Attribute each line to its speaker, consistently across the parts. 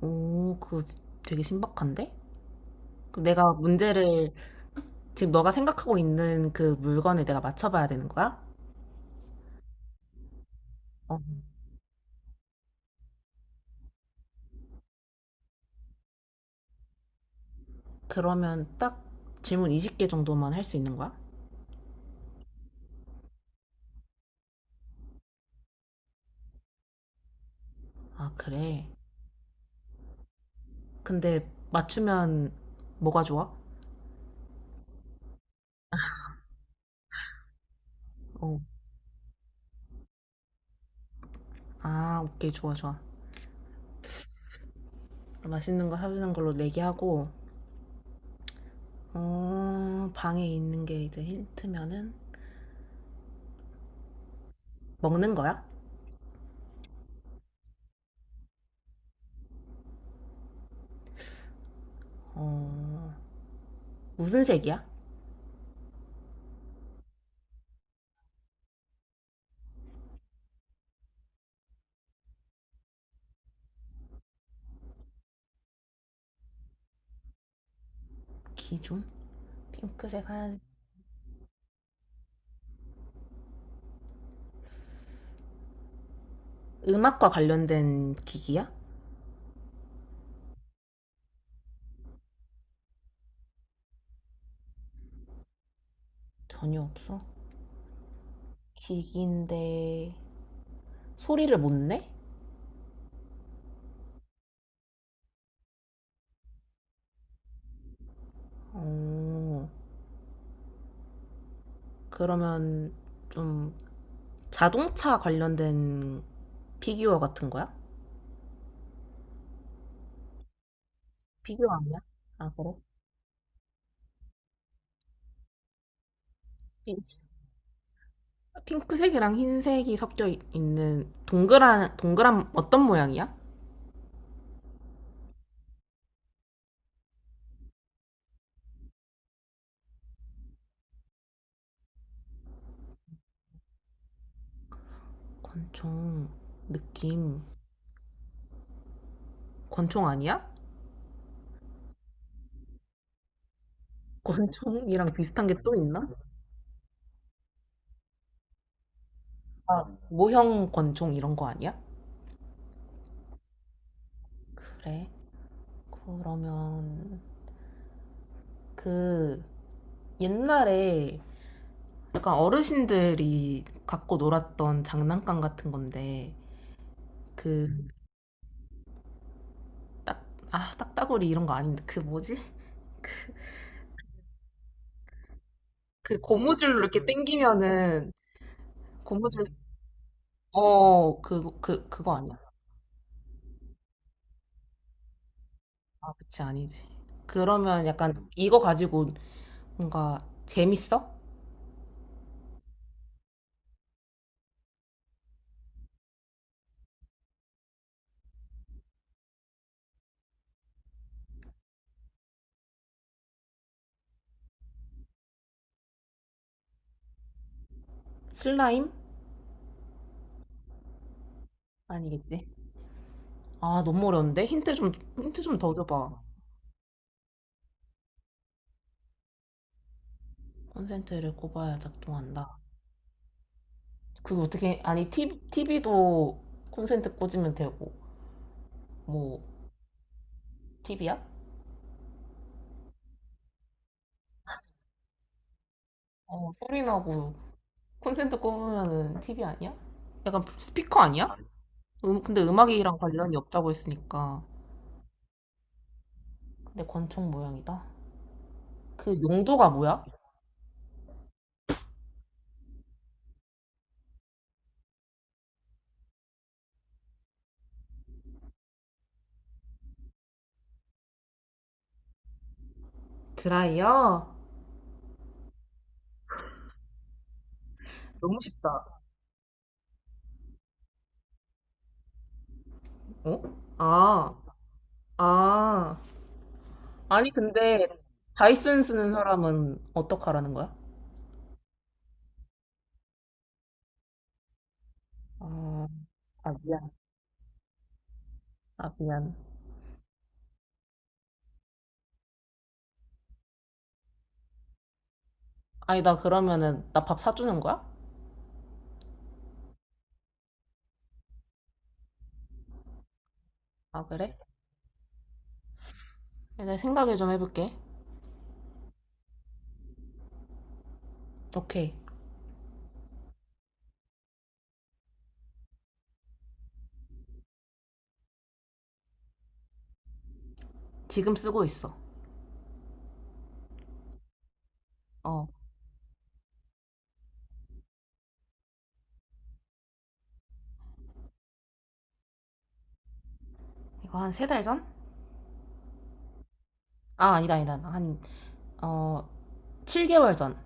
Speaker 1: 오 그거 지- 되게 신박한데? 그럼 내가 문제를 지금 너가 생각하고 있는 그 물건에 내가 맞춰봐야 되는 거야? 어, 그러면 딱 질문 20개 정도만 할 수 있는 거야? 아, 그래. 근데 맞추면 뭐가 좋아? 어. 아, 오케이. 좋아, 좋아. 맛있는 거 사주는 걸로 내기하고, 방에 있는 게 이제 힌트면은 먹는 거야? 어, 무슨 색이야? 기준? 핑크색 한. 음악과 관련된 기기야? 전혀 없어. 기기인데 소리를 못 내? 어, 그러면 좀 자동차 관련된 피규어 같은 거야? 피규어 아니야? 아, 그래? 핑- 핑크색이랑 흰색이 섞여 있는 동그란 어떤 모양이야? 권총 느낌. 권총 아니야? 권총이랑 비슷한 게 또 있나? 아, 모형 권총 이런 거 아니야? 그래. 그러면 그 옛날에 약간 어르신들이 갖고 놀았던 장난감 같은 건데 그 음. 딱, 아, 딱따구리 이런 거 아닌데 그 뭐지? 그 고무줄로 이렇게 당기면은 고무줄. 그거 아니야. 아, 그치, 아니지. 그러면 약간 이거 가지고 뭔가 재밌어? 슬라임? 아니겠지. 아, 너무 어려운데? 힌트 좀 더 줘봐. 콘센트를 꼽아야 작동한다. 그게 어떻게, 아니, TV도 콘센트 꽂으면 되고, 뭐, TV야? 어, 소리 나고 콘센트 꼽으면은 TV 아니야? 약간 스피커 아니야? 근데 음악이랑 관련이 없다고 했으니까. 근데 권총 모양이다. 그 용도가 뭐야? 드라이어? 너무 쉽다. 어? 아, 아. 아니, 근데 다이슨 쓰는 사람은 어떡하라는 거야? 아, 아, 미안. 아, 미안. 아니, 나 그러면은 나 밥 사주는 거야? 아, 그래? 내가 생각을 좀 해볼게. 오케이. 지금 쓰고 있어. 어, 이거 한 3달 전? 아, 아니다, 아니다. 한, 어, 7개월 전.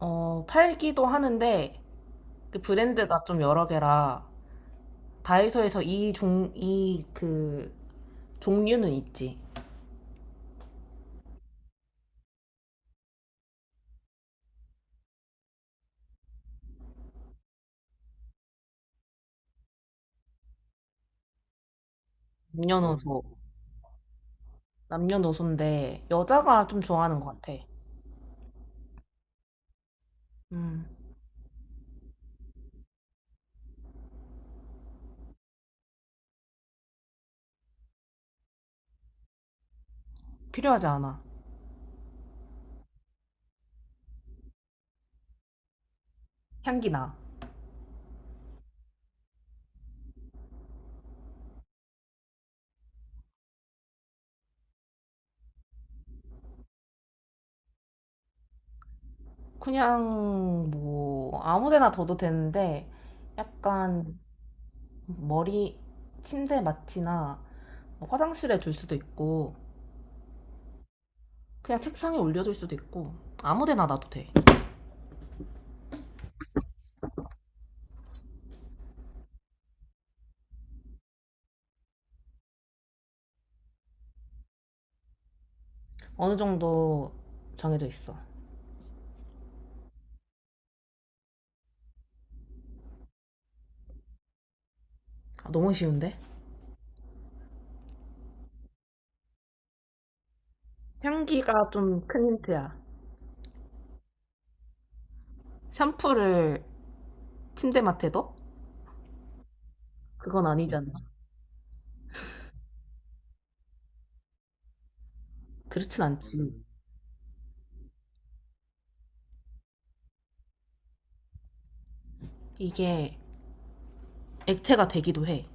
Speaker 1: 어, 팔기도 하는데, 그 브랜드가 좀 여러 개라, 다이소에서 이 종, 이 그, 종류는 있지. 남녀노소. 남녀노소인데, 여자가 좀 좋아하는 것 같아. 음. 필요하지 않아. 향기나. 그냥, 뭐, 아무 데나 둬도 되는데, 약간, 머리, 침대 마취나, 뭐 화장실에 둘 수도 있고, 그냥 책상에 올려줄 수도 있고 아무데나 놔도 돼. 어느 정도 정해져 있어. 아, 너무 쉬운데? 향기가 좀 큰 힌트야. 샴푸를 침대 맡에 둬? 그건 아니잖아. 그렇진 않지. 이게 액체가 되기도 해.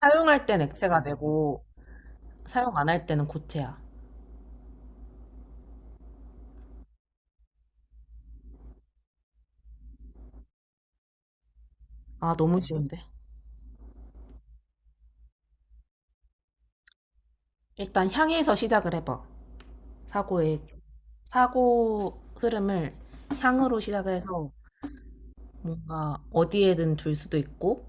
Speaker 1: 사용할 땐 액체가 되고 사용 안 할 때는 고체야. 아, 너무 쉬운데? 일단 향에서 시작을 해봐. 사고의 사고 흐름을 향으로 시작해서 뭔가 어디에든 둘 수도 있고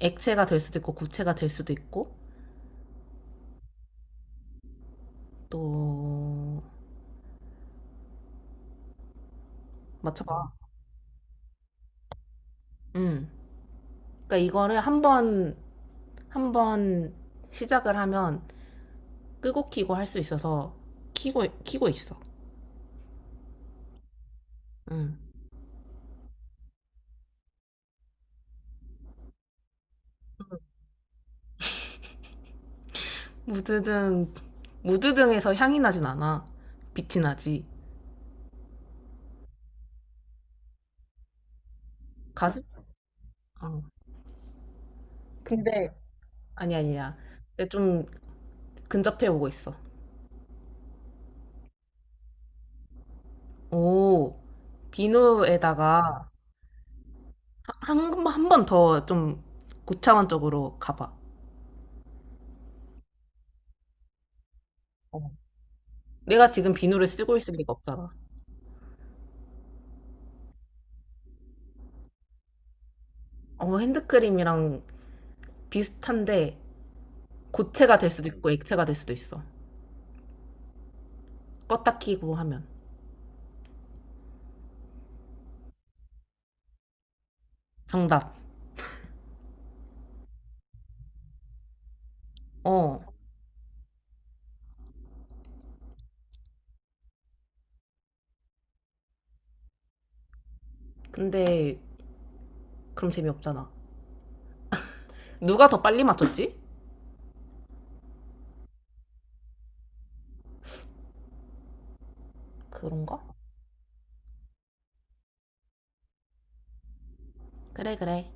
Speaker 1: 액체가 될 수도 있고 고체가 될 수도 있고 또 맞춰봐. 음. 그러니까 이거를 한번 시작을 하면 끄고 키고 할 수 있어서 키고 있어. 음. 무드등 무드등에서 향이 나진 않아. 빛이 나지. 가습. 어. 근데 아니 아니야. 근데 좀 근접해 오고 있어. 오. 비누에다가 한 번 더 좀 고차원적으로 가봐. 내가 지금 비누를 쓰고 있을 리가 없잖아. 어, 핸드크림이랑 비슷한데 고체가 될 수도 있고 액체가 될 수도 있어. 껐다 키고 하면. 정답. 어. 근데 그럼 재미없잖아. 누가 더 빨리 맞췄지? 그런가? 그래, 그래.